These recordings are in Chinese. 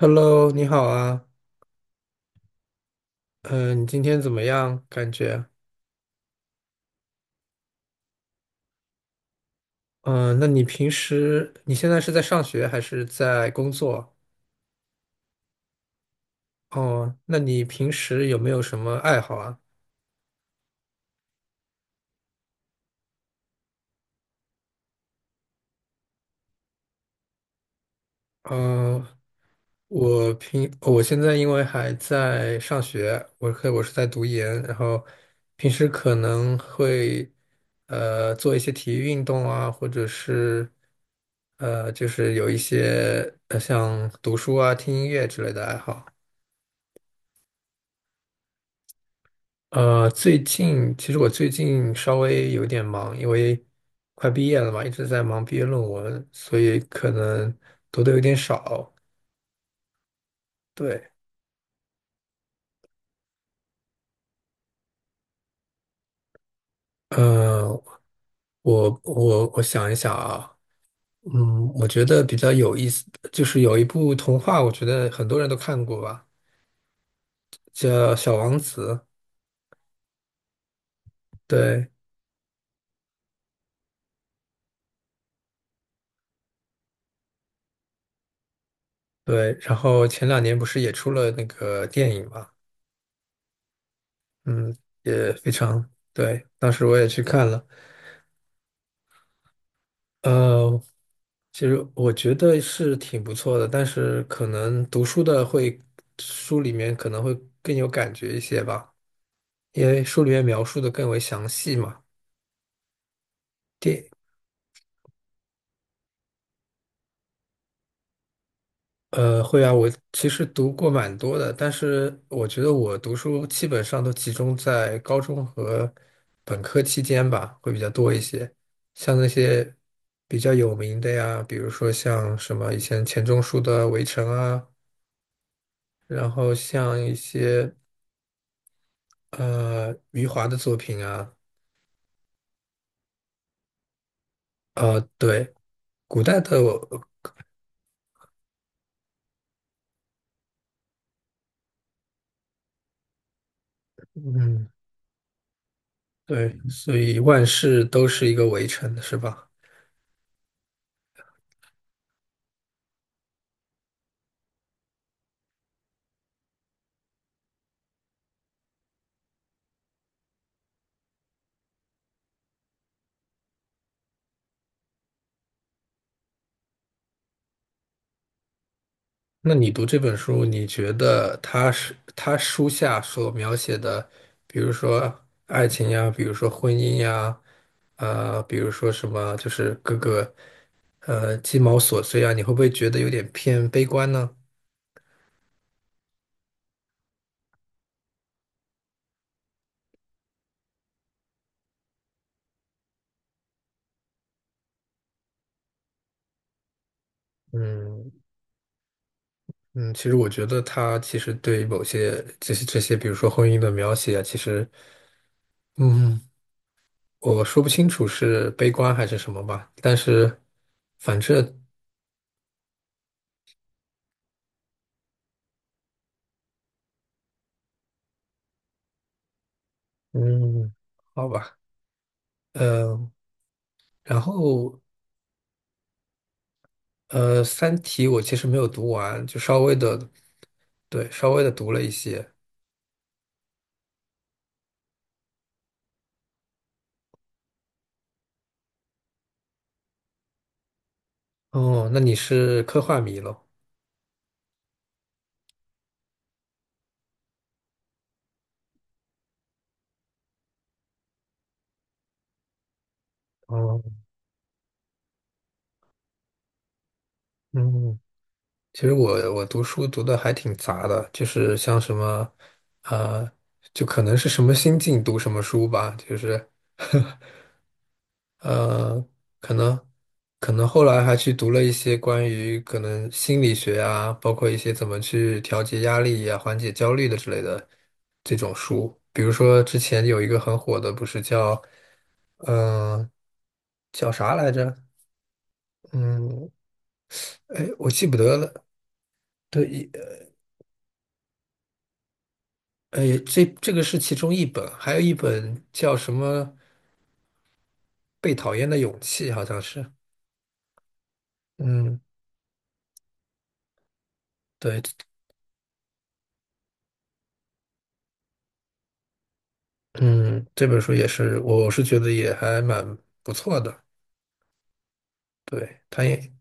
Hello，你好啊，嗯、你今天怎么样？嗯、那你平时你现在是在上学还是在工作？哦，那你平时有没有什么爱好啊？嗯、我现在因为还在上学，我是在读研，然后平时可能会做一些体育运动啊，或者是就是有一些像读书啊、听音乐之类的爱好。最近其实我最近稍微有点忙，因为快毕业了嘛，一直在忙毕业论文，所以可能读的有点少。对，呃，我想一想啊，我觉得比较有意思，就是有一部童话，我觉得很多人都看过吧，叫《小王子》。对对，然后前两年不是也出了那个电影嘛，嗯，也非常对，当时我也去看了。呃，其实我觉得是挺不错的，但是可能读书的会，书里面可能会更有感觉一些吧，因为书里面描述的更为详细嘛。电，会啊，我其实读过蛮多的，但是我觉得我读书基本上都集中在高中和本科期间吧，会比较多一些。像那些比较有名的呀，比如说像什么以前钱钟书的《围城》啊，然后像一些。余华的作品啊，对，古代的我。嗯，对，所以万事都是一个围城，是吧？那你读这本书，你觉得他是他书下所描写的，比如说爱情呀，比如说婚姻呀，比如说什么，就是各个鸡毛琐碎啊，你会不会觉得有点偏悲观呢？嗯。嗯，其实我觉得他其实对某些这些，比如说婚姻的描写啊，其实，嗯，我说不清楚是悲观还是什么吧，但是反正嗯，好吧，嗯，然后《三体》我其实没有读完，就稍微的，对，稍微的读了一些。哦，那你是科幻迷咯？哦，嗯，其实我读书读的还挺杂的，就是像什么，呃，就可能是什么心境读什么书吧，就是 呃，可能可能后来还去读了一些关于可能心理学啊，包括一些怎么去调节压力呀、缓解焦虑的之类的这种书。比如说之前有一个很火的，不是叫嗯、呃叫啥来着？嗯，哎，我记不得了。对，哎，这个是其中一本，还有一本叫什么《被讨厌的勇气》，好像是。嗯，对，嗯，这本书也是，我是觉得也还蛮不错的。对，他也，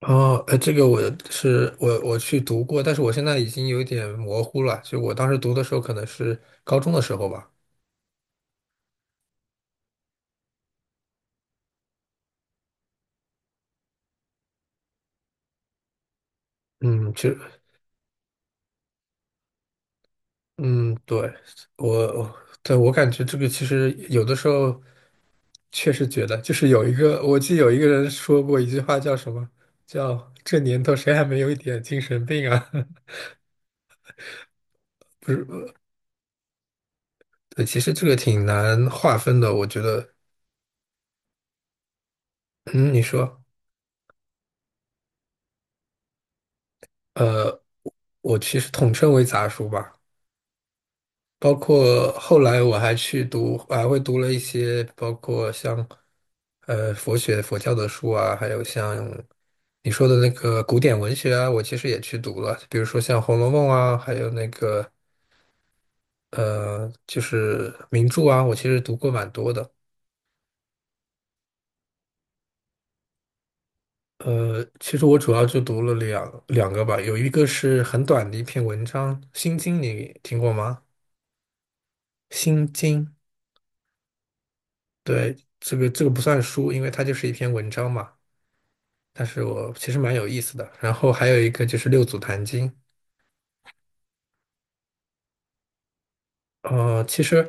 哦，这个我是我我去读过，但是我现在已经有点模糊了。就我当时读的时候，可能是高中的时候吧。嗯，其实，嗯，对，我，对，我感觉这个其实有的时候确实觉得，就是有一个，我记得有一个人说过一句话，叫什么？叫这年头谁还没有一点精神病啊？不是，对，其实这个挺难划分的，我觉得。嗯，你说。呃，我其实统称为杂书吧，包括后来我还去读，还会读了一些，包括像佛学、佛教的书啊，还有像你说的那个古典文学啊，我其实也去读了，比如说像《红楼梦》啊，还有那个就是名著啊，我其实读过蛮多的。其实我主要就读了两个吧，有一个是很短的一篇文章，《心经》，你听过吗？《心经》。对，这个这个不算书，因为它就是一篇文章嘛。但是我其实蛮有意思的。然后还有一个就是六祖坛经，其实，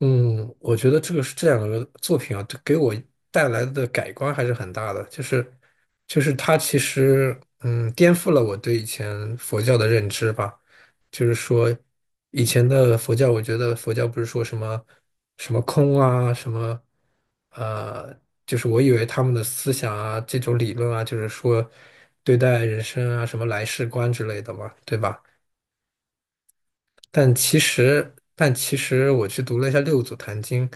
我觉得这个是这两个作品啊，这给我带来的改观还是很大的。就是，它其实，颠覆了我对以前佛教的认知吧。就是说，以前的佛教，我觉得佛教不是说什么什么空啊，什么，呃，就是我以为他们的思想啊，这种理论啊，就是说对待人生啊，什么来世观之类的嘛，对吧？但其实我去读了一下《六祖坛经》，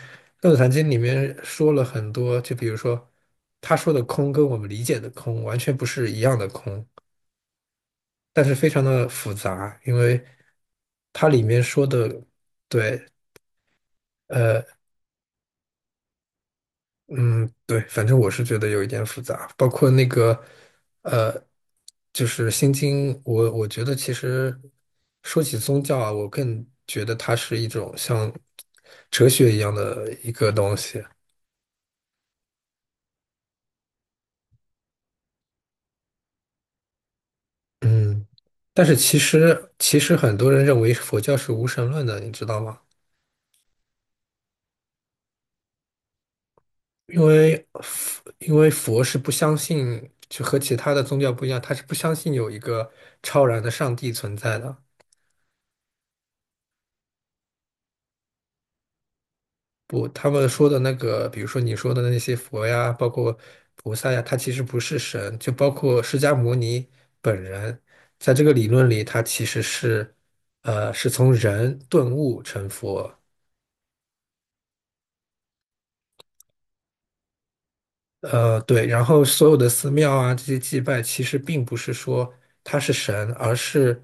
《六祖坛经》里面说了很多，就比如说他说的空跟我们理解的空完全不是一样的空，但是非常的复杂，因为它里面说的，对，嗯，对，反正我是觉得有一点复杂，包括那个，呃，就是《心经》，我觉得其实说起宗教啊，我更觉得它是一种像哲学一样的一个东西。嗯，但是其实很多人认为佛教是无神论的，你知道吗？因为佛是不相信，就和其他的宗教不一样，他是不相信有一个超然的上帝存在的。不，他们说的那个，比如说你说的那些佛呀，包括菩萨呀，他其实不是神，就包括释迦牟尼本人，在这个理论里，他其实是从人顿悟成佛。对，然后所有的寺庙啊，这些祭拜其实并不是说他是神，而是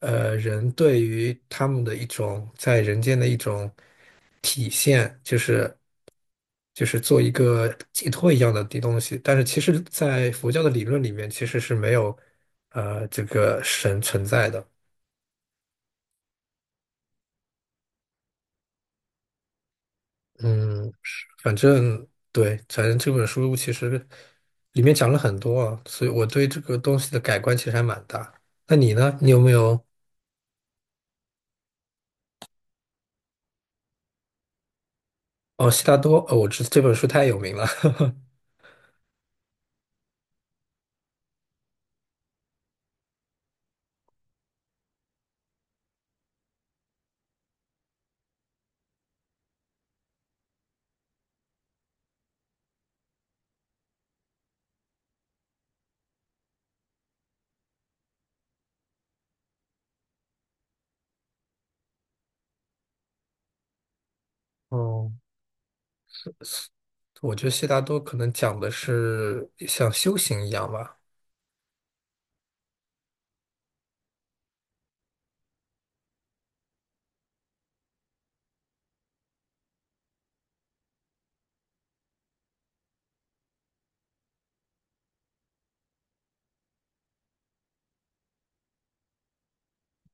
人对于他们的一种在人间的一种体现，就是做一个寄托一样的地东西。但是其实，在佛教的理论里面，其实是没有这个神存在的。嗯，是反正对，反正这本书其实里面讲了很多啊，所以我对这个东西的改观其实还蛮大。那你呢？你有没有？哦，悉达多，哦，这本书太有名了。哦，我觉得悉达多可能讲的是像修行一样吧。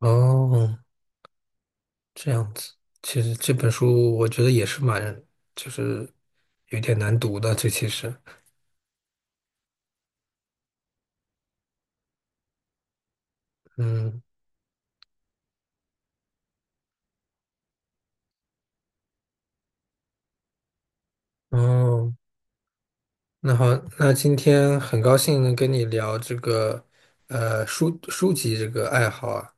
哦，这样子。其实这本书我觉得也是蛮，就是有点难读的。这其实，嗯，哦。那好，那今天很高兴能跟你聊这个，书籍这个爱好啊。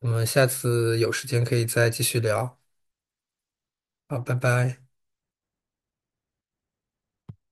我们下次有时间可以再继续聊。好，拜拜。